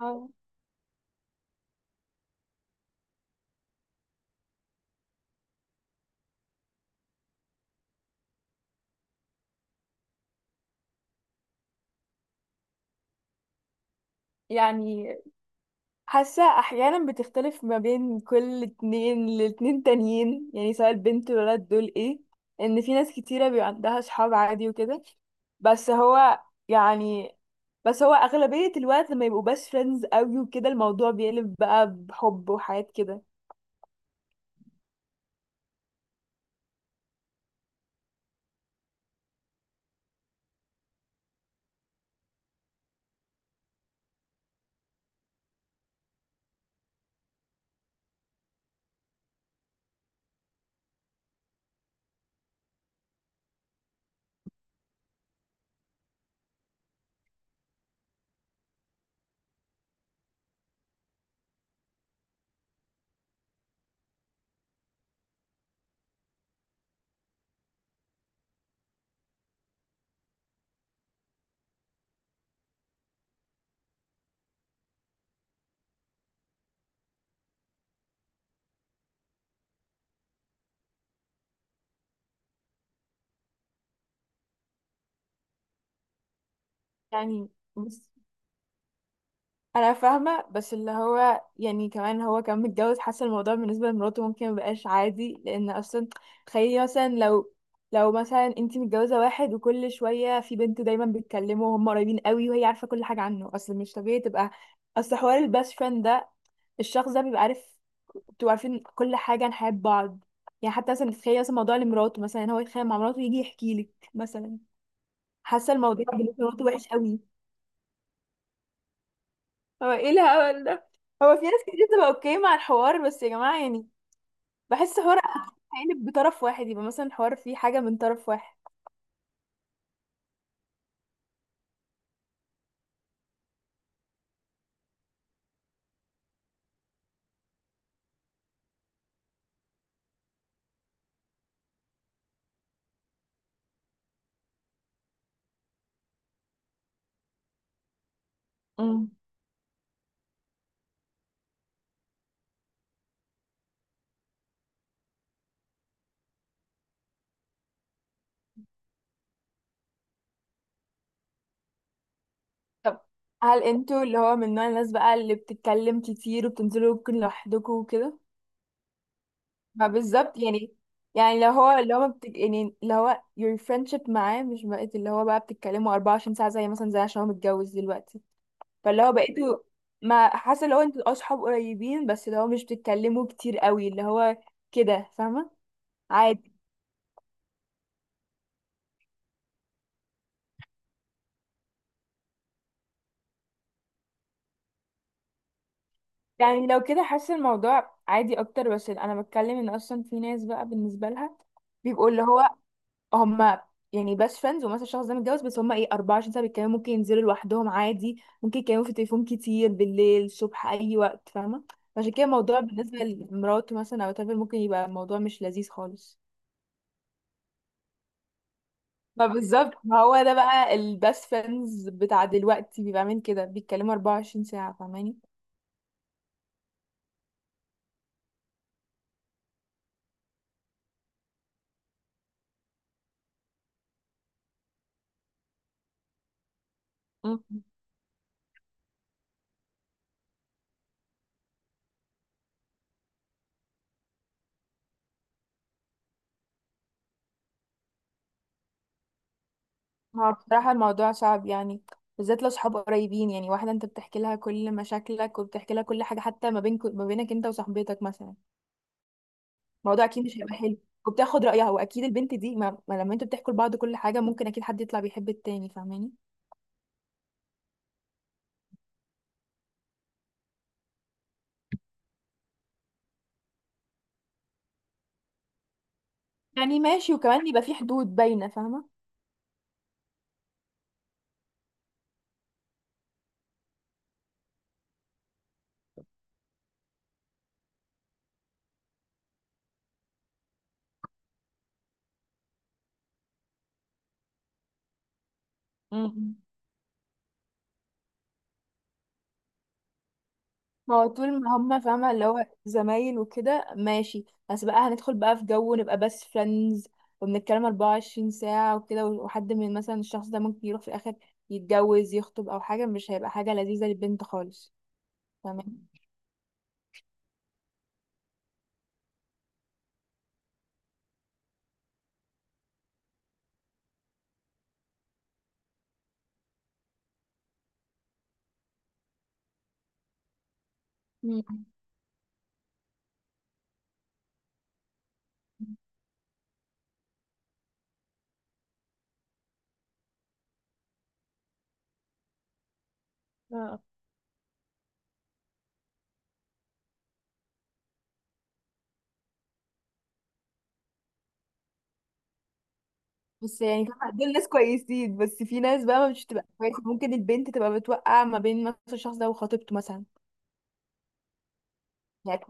اه، يعني حاسة أحيانا بتختلف ما بين كل اتنين لاتنين تانيين، يعني سواء البنت والولد دول ايه، إن في ناس كتيرة بيبقى عندها صحاب عادي وكده. بس هو يعني بس هو أغلبية الوقت لما يبقوا بس فريندز قوي وكده الموضوع بيقلب بقى بحب وحاجات كده. يعني بس انا فاهمه، بس اللي هو يعني كمان هو كان متجوز، حاسه الموضوع بالنسبه لمراته ممكن مبقاش عادي، لان اصلا تخيلي مثلا لو مثلا انتي متجوزه واحد وكل شويه في بنت دايما بتكلمه وهم قريبين قوي وهي عارفه كل حاجه عنه، اصل مش طبيعي تبقى. اصل حوار الباست فريند ده، الشخص ده بيبقى عارف، بتبقوا عارفين كل حاجه عن حياه بعض. يعني حتى مثلا تخيلي مثلا موضوع لمراته، مثلا هو يتخانق مع مراته يجي يحكي لك مثلا، حاسه الموضوع بالنسبه لمراته وحش قوي. هو ايه الهبل ده؟ هو في ناس كتير بتبقى اوكي مع الحوار، بس يا جماعة، يعني بحس حوار هيقلب بطرف واحد، يبقى مثلا حوار فيه حاجة من طرف واحد. امم طب هل انتوا اللي هو من نوع الناس بقى اللي بتتكلم كتير وبتنزلوا ممكن لوحدكم وكده؟ ما بالظبط يعني. يعني لو هو اللي هو ما بتك... يعني اللي هو your friendship معاه مش بقت، اللي هو بقى بتتكلموا 24 ساعة زي مثلا، زي عشان هو متجوز دلوقتي. فاللي هو بقيتوا، ما حاسة اللي هو انتوا اصحاب قريبين بس اللي هو مش بتتكلموا كتير قوي اللي هو كده، فاهمة؟ عادي. يعني لو كده حاسه الموضوع عادي اكتر، بس انا بتكلم ان اصلا في ناس بقى بالنسبه لها بيبقوا اللي هو هم يعني بس فريندز، ومثلا الشخص ده متجوز بس هم ايه، 24 ساعه بيتكلموا، ممكن ينزلوا لوحدهم عادي، ممكن يتكلموا في التليفون كتير بالليل الصبح اي وقت، فاهمه؟ عشان كده الموضوع بالنسبه لمراته مثلا او تامر ممكن يبقى الموضوع مش لذيذ خالص. ما بالظبط، ما هو ده بقى البس فريندز بتاع دلوقتي بيبقى عامل كده، بيتكلموا 24 ساعه، فاهماني؟ هو بصراحة الموضوع صعب يعني، بالذات لو صحاب قريبين، يعني واحدة انت بتحكي لها كل مشاكلك وبتحكي لها كل حاجة حتى ما بينك، ما بينك انت وصاحبتك مثلا، الموضوع اكيد مش هيبقى حلو. وبتاخد رأيها، واكيد البنت دي ما لما انتوا بتحكوا لبعض كل حاجة ممكن اكيد حد يطلع بيحب التاني، فاهماني؟ يعني ماشي، وكمان يبقى في حدود باينة، فاهمة؟ ما هو طول ما هما فاهمة اللي هو زمايل وكده ماشي، بس بقى هندخل بقى في جو ونبقى بس فريندز وبنتكلم 24 ساعة وكده، وحد من مثلا الشخص ده ممكن يروح في الآخر يتجوز يخطب أو حاجة، مش هيبقى حاجة لذيذة للبنت خالص. تمام. مم. آه. بس يعني فاهمة دول ناس كويسين، بس في ناس بقى مش بتبقى كويسة، ممكن البنت تبقى بتوقع ما بين مثلا الشخص ده وخطيبته مثلا. يعني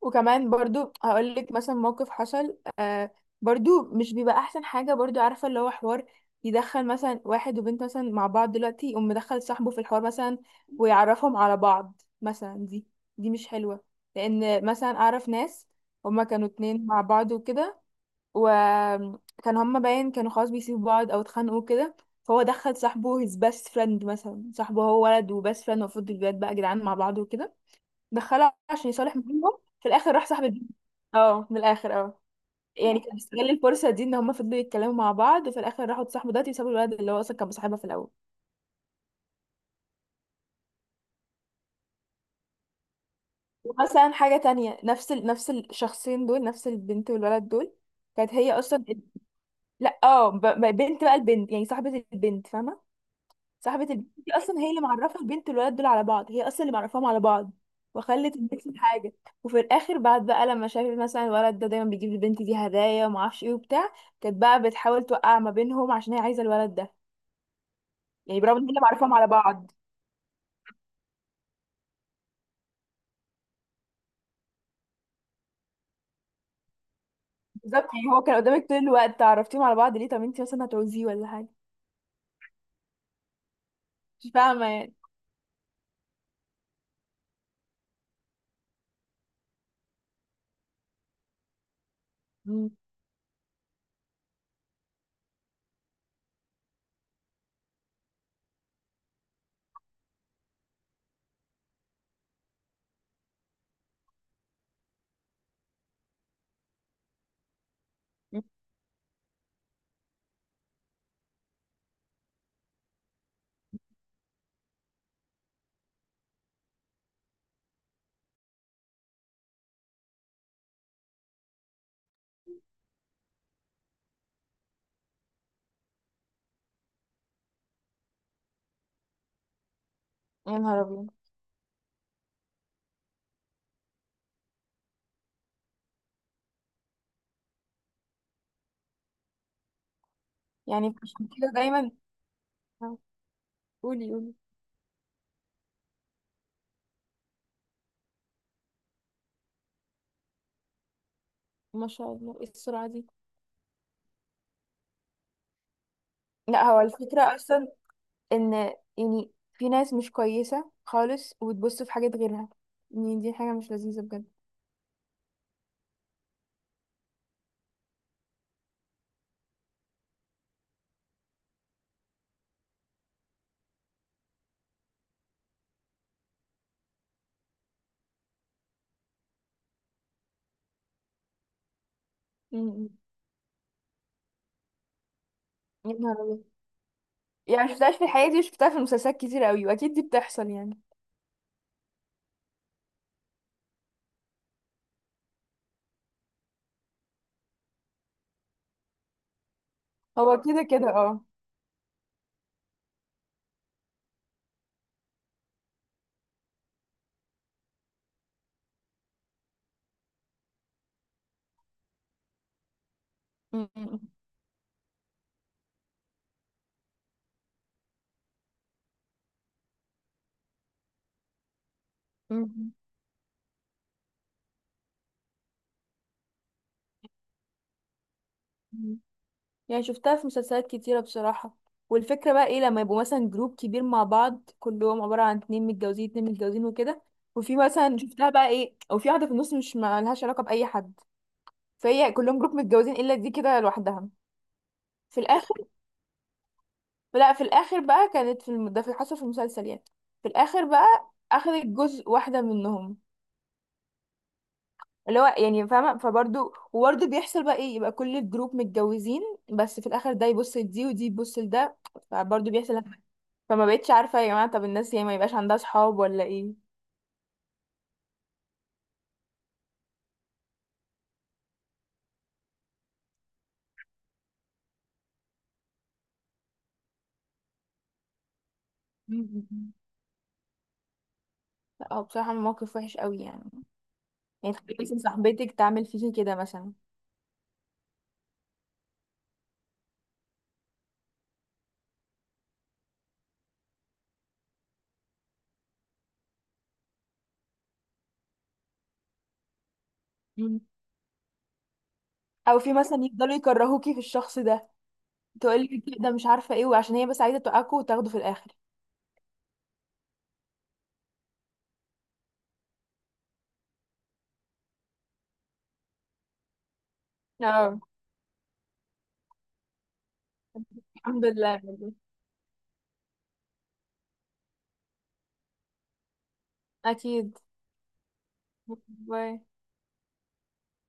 وكمان برضو هقول لك مثلا موقف حصل، برضو مش بيبقى احسن حاجه، برضو عارفه اللي هو حوار يدخل مثلا واحد وبنت مثلا مع بعض دلوقتي يقوم مدخل صاحبه في الحوار مثلا ويعرفهم على بعض مثلا، دي دي مش حلوه. لان مثلا اعرف ناس هما كانوا اتنين مع بعض وكده، وكان هما باين كانوا خلاص بيسيبوا بعض او اتخانقوا كده، فهو دخل صاحبه his best friend مثلا، صاحبه هو ولد وبس friend، المفروض الولاد بقى جدعان مع بعض وكده، دخلها عشان يصالح ما بينهم، في الاخر راح صاحب البنت. اه، من الاخر اه. يعني كان بيستغل الفرصه دي، ان هما فضلوا يتكلموا مع بعض وفي الاخر راحوا اتصاحبوا دلوقتي وسابوا الولد اللي هو اصلا كان مصاحبها في الاول. ومثلا حاجه تانية نفس نفس الشخصين دول، نفس البنت والولد دول. كانت هي اصلا، لا اه بنت بقى، البنت يعني صاحبه البنت، فاهمه؟ صاحبة البنت دي اصلا هي اللي معرفة البنت والولد دول على بعض، هي اصلا اللي معرفاهم على بعض، وخلت البنت الحاجة، وفي الاخر بعد بقى لما شافت مثلا الولد ده دايما بيجيب للبنت دي هدايا وما اعرفش ايه وبتاع، كانت بقى بتحاول توقع ما بينهم عشان هي عايزة الولد ده. يعني برغم ان هي اللي معرفاهم على بعض. بالظبط، يعني هو كان قدامك طول الوقت، عرفتيهم على بعض ليه؟ طب انت مثلا هتعوزيه ولا حاجة؟ مش فاهمة يعني. مم. مم. يا نهار ابيض. يعني عشان كده دايما، قولي قولي. ما شاء الله، ايه السرعة دي؟ لا هو الفكرة أصلا ان يعني في ناس مش كويسة خالص وتبص في حاجات غيرها، يعني دي حاجة مش لذيذة بجد. امم يا نهار أبيض. يعني مشفتهاش في حياتي وشفتها في المسلسلات كتير قوي، واكيد دي بتحصل يعني. هو كده كده اه. أمم. أمم. يعني شفتها في مسلسلات كتيرة بصراحة، والفكرة بقى ايه، لما يبقوا مثلا جروب كبير مع بعض كلهم عبارة عن اتنين متجوزين اتنين متجوزين وكده، وفي مثلا شفتها بقى ايه او في واحدة في النص مش مالهاش علاقة بأي حد، فهي كلهم جروب متجوزين الا دي كده لوحدها. في الاخر، لا في الاخر بقى كانت ده في حصل في المسلسل يعني، في الاخر بقى اخدت جزء واحده منهم، اللي هو يعني فاهمه. فبرضه وبرضه بيحصل بقى ايه، يبقى كل الجروب متجوزين بس في الاخر ده يبص لدي ودي تبص لده، فبرضه بيحصل. فما بقتش عارفه يا جماعه، طب الناس يعني ما يبقاش عندها صحاب ولا ايه؟ مم. لا هو بصراحه موقف وحش قوي يعني. يعني تخيلي مثلا صاحبتك تعمل فيكي كده مثلا. مم. او في مثلا يفضلوا يكرهوكي في الشخص ده، تقولي ده مش عارفه ايه وعشان هي بس عايزه توقعكوا وتاخدوا في الاخر. اه. الحمد لله. أكيد. باي.